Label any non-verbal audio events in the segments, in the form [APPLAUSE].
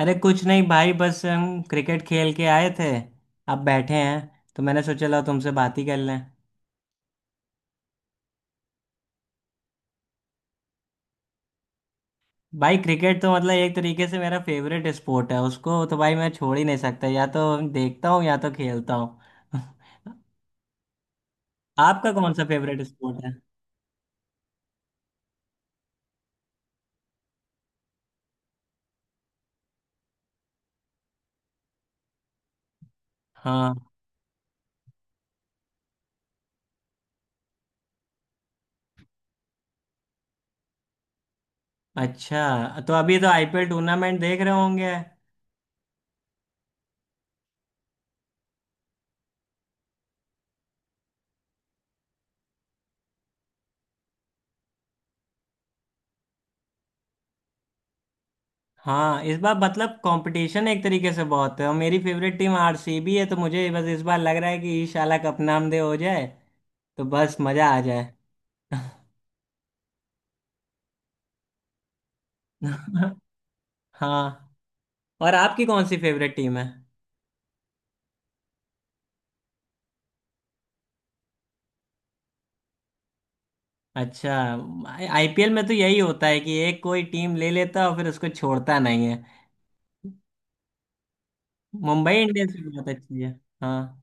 अरे कुछ नहीं भाई, बस हम क्रिकेट खेल के आए थे। अब बैठे हैं तो मैंने सोचा लाओ तुमसे बात ही कर लें। भाई क्रिकेट तो मतलब एक तरीके से मेरा फेवरेट स्पोर्ट है, उसको तो भाई मैं छोड़ ही नहीं सकता। या तो देखता हूँ या तो खेलता हूँ। [LAUGHS] आपका कौन सा फेवरेट स्पोर्ट है? हाँ। अच्छा, तो अभी तो आईपीएल टूर्नामेंट देख रहे होंगे? हाँ, इस बार मतलब कंपटीशन एक तरीके से बहुत है, और मेरी फेवरेट टीम आरसीबी है, तो मुझे बस इस बार लग रहा है कि इंशाल्लाह कप नामदे हो जाए, तो बस मजा आ जाए। [LAUGHS] हाँ। और आपकी कौन सी फेवरेट टीम है? अच्छा। आईपीएल में तो यही होता है कि एक कोई टीम ले लेता है और फिर उसको छोड़ता नहीं है। मुंबई इंडियंस भी बहुत अच्छी है। हाँ।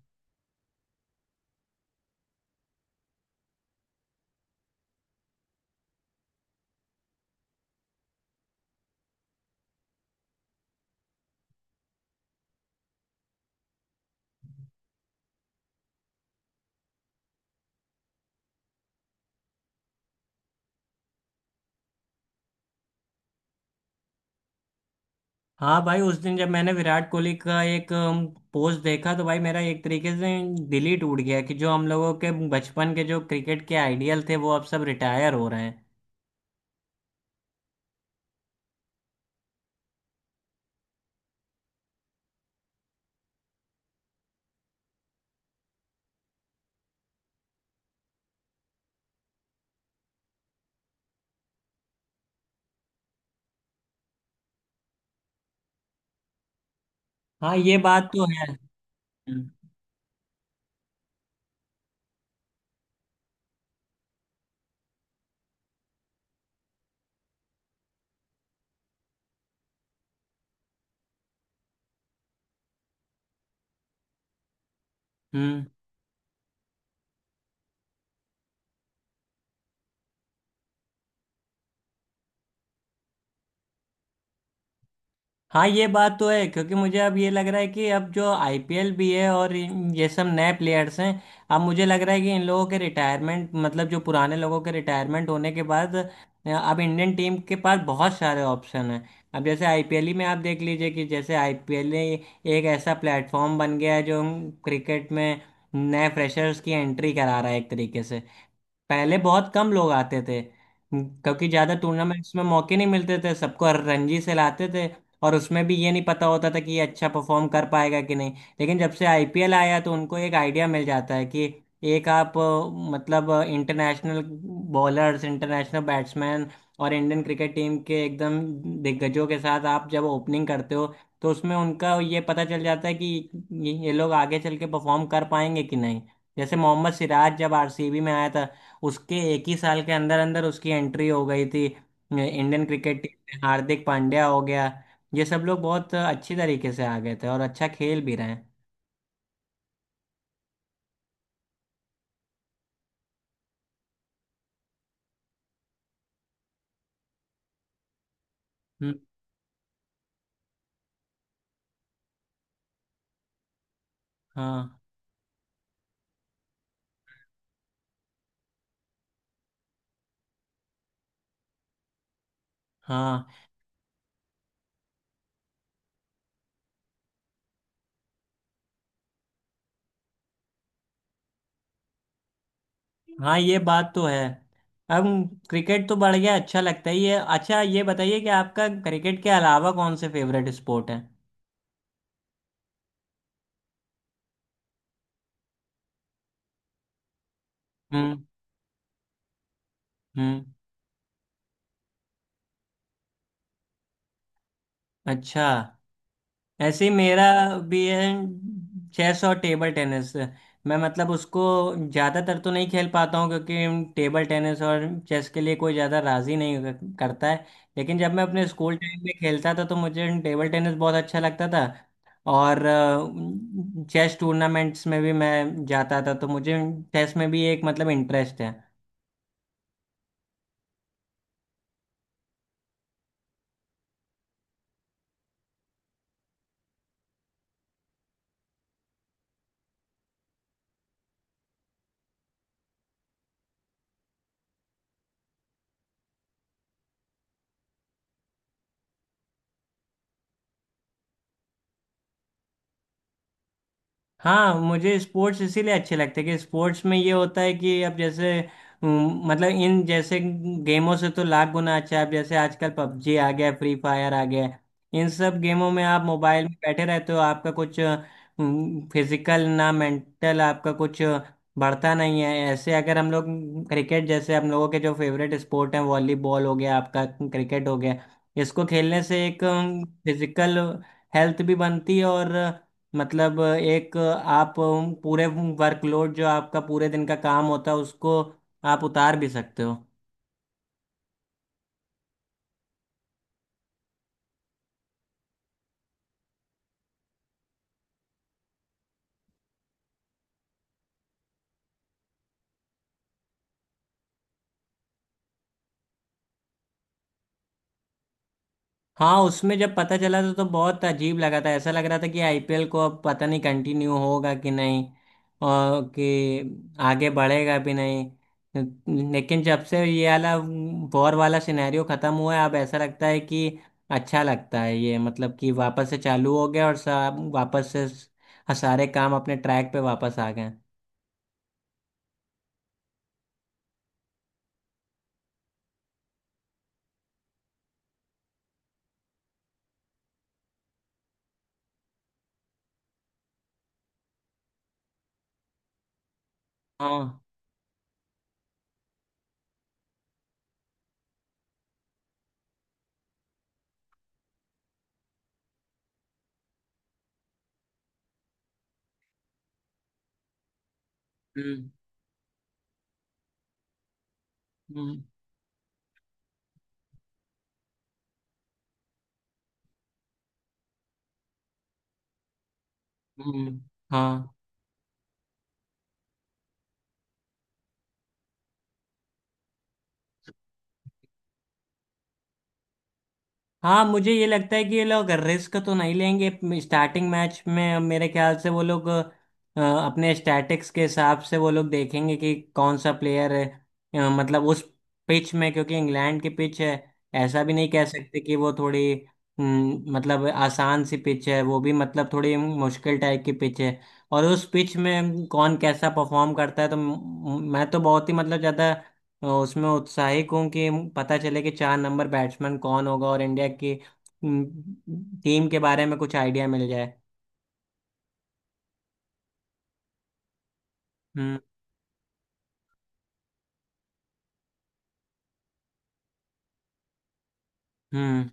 हाँ भाई, उस दिन जब मैंने विराट कोहली का एक पोस्ट देखा तो भाई मेरा एक तरीके से दिल ही टूट गया कि जो हम लोगों के बचपन के जो क्रिकेट के आइडियल थे वो अब सब रिटायर हो रहे हैं। हाँ, ये बात तो है। हम्म। हम्म। हाँ ये बात तो है, क्योंकि मुझे अब ये लग रहा है कि अब जो आईपीएल भी है और ये सब नए प्लेयर्स हैं। अब मुझे लग रहा है कि इन लोगों के रिटायरमेंट, मतलब जो पुराने लोगों के रिटायरमेंट होने के बाद, अब इंडियन टीम के पास बहुत सारे ऑप्शन हैं। अब जैसे आईपीएल ही में आप देख लीजिए कि जैसे आईपीएल एक ऐसा प्लेटफॉर्म बन गया है जो क्रिकेट में नए फ्रेशर्स की एंट्री करा रहा है एक तरीके से। पहले बहुत कम लोग आते थे, क्योंकि ज़्यादा टूर्नामेंट्स में मौके नहीं मिलते थे, सबको रणजी से लाते थे। और उसमें भी ये नहीं पता होता था कि ये अच्छा परफॉर्म कर पाएगा कि नहीं। लेकिन जब से आईपीएल आया तो उनको एक आइडिया मिल जाता है कि एक आप मतलब इंटरनेशनल बॉलर्स, इंटरनेशनल बैट्समैन और इंडियन क्रिकेट टीम के एकदम दिग्गजों के साथ आप जब ओपनिंग करते हो, तो उसमें उनका ये पता चल जाता है कि ये लोग आगे चल के परफॉर्म कर पाएंगे कि नहीं। जैसे मोहम्मद सिराज जब आरसीबी में आया था, उसके एक ही साल के अंदर अंदर उसकी एंट्री हो गई थी इंडियन क्रिकेट टीम में। हार्दिक पांड्या हो गया, ये सब लोग बहुत अच्छी तरीके से आ गए थे और अच्छा खेल भी रहे हैं। हम्म। हाँ। हाँ। हाँ ये बात तो है। अब क्रिकेट तो बढ़ गया, अच्छा लगता है ये। अच्छा, ये बताइए कि आपका क्रिकेट के अलावा कौन से फेवरेट स्पोर्ट हैं? हम्म। हम्म। अच्छा, ऐसे ही मेरा भी है। चेस और टेबल टेनिस। मैं मतलब उसको ज़्यादातर तो नहीं खेल पाता हूँ क्योंकि टेबल टेनिस और चेस के लिए कोई ज़्यादा राज़ी नहीं करता है। लेकिन जब मैं अपने स्कूल टाइम में खेलता था तो मुझे टेबल टेनिस बहुत अच्छा लगता था। और चेस टूर्नामेंट्स में भी मैं जाता था, तो मुझे चेस में भी एक मतलब इंटरेस्ट है। हाँ, मुझे स्पोर्ट्स इसीलिए अच्छे लगते हैं कि स्पोर्ट्स में ये होता है कि अब जैसे मतलब इन जैसे गेमों से तो लाख गुना अच्छा है। अब जैसे आजकल पबजी आ गया, फ्री फायर आ गया है। इन सब गेमों में आप मोबाइल में बैठे रहते हो, आपका कुछ फिजिकल ना मेंटल, आपका कुछ बढ़ता नहीं है। ऐसे अगर हम लोग क्रिकेट जैसे, हम लोगों के जो फेवरेट स्पोर्ट हैं, वॉलीबॉल हो गया, आपका क्रिकेट हो गया, इसको खेलने से एक फिजिकल हेल्थ भी बनती है, और मतलब एक आप पूरे वर्कलोड, जो आपका पूरे दिन का काम होता है, उसको आप उतार भी सकते हो। हाँ, उसमें जब पता चला था तो बहुत अजीब लगा था, ऐसा लग रहा था कि आईपीएल को अब पता नहीं कंटिन्यू होगा कि नहीं, और कि आगे बढ़ेगा भी नहीं। लेकिन जब से ये वाला वॉर वाला सिनेरियो ख़त्म हुआ है, अब ऐसा लगता है कि अच्छा लगता है ये, मतलब कि वापस से चालू हो गया और सब वापस से सारे काम अपने ट्रैक पे वापस आ गए। हाँ। हम्म। हम्म। हम्म। हाँ। हाँ मुझे ये लगता है कि ये लोग रिस्क तो नहीं लेंगे। स्टार्टिंग मैच में मेरे ख्याल से वो लोग अपने स्टैटिक्स के हिसाब से वो लोग देखेंगे कि कौन सा प्लेयर है, मतलब उस पिच में, क्योंकि इंग्लैंड की पिच है, ऐसा भी नहीं कह सकते कि वो थोड़ी मतलब आसान सी पिच है, वो भी मतलब थोड़ी मुश्किल टाइप की पिच है। और उस पिच में कौन कैसा परफॉर्म करता है, तो मैं तो बहुत ही मतलब ज़्यादा, तो उसमें उत्साहित हूँ कि पता चले कि 4 नंबर बैट्समैन कौन होगा और इंडिया की टीम के बारे में कुछ आइडिया मिल जाए। हम्म। हम्म।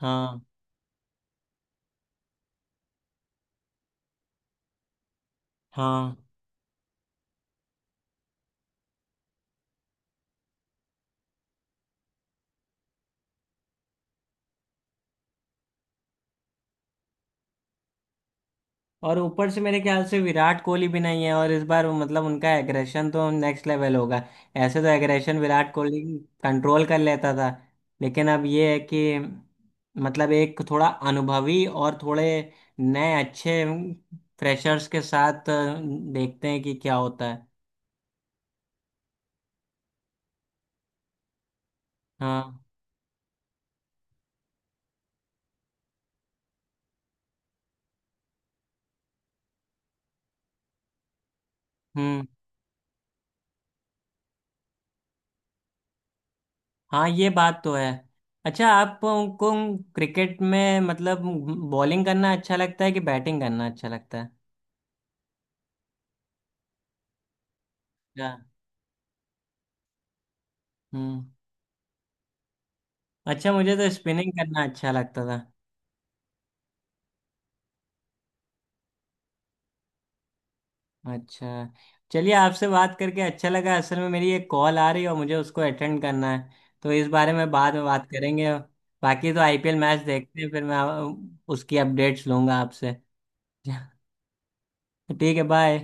हाँ। हाँ, और ऊपर से मेरे ख्याल से विराट कोहली भी नहीं है, और इस बार मतलब उनका एग्रेशन तो नेक्स्ट लेवल होगा। ऐसे तो एग्रेशन विराट कोहली कंट्रोल कर लेता था, लेकिन अब ये है कि मतलब एक थोड़ा अनुभवी और थोड़े नए अच्छे फ्रेशर्स के साथ देखते हैं कि क्या होता है। हाँ। हम्म। हाँ ये बात तो है। अच्छा, आपको क्रिकेट में मतलब बॉलिंग करना अच्छा लगता है कि बैटिंग करना अच्छा लगता है? अच्छा। हम्म। अच्छा, मुझे तो स्पिनिंग करना अच्छा लगता था। अच्छा, चलिए, आपसे बात करके अच्छा लगा। असल में मेरी एक कॉल आ रही है और मुझे उसको अटेंड करना है, तो इस बारे में बाद में बात करेंगे। बाकी तो आईपीएल मैच देखते हैं, फिर मैं उसकी अपडेट्स लूंगा आपसे। [LAUGHS] ठीक है, बाय।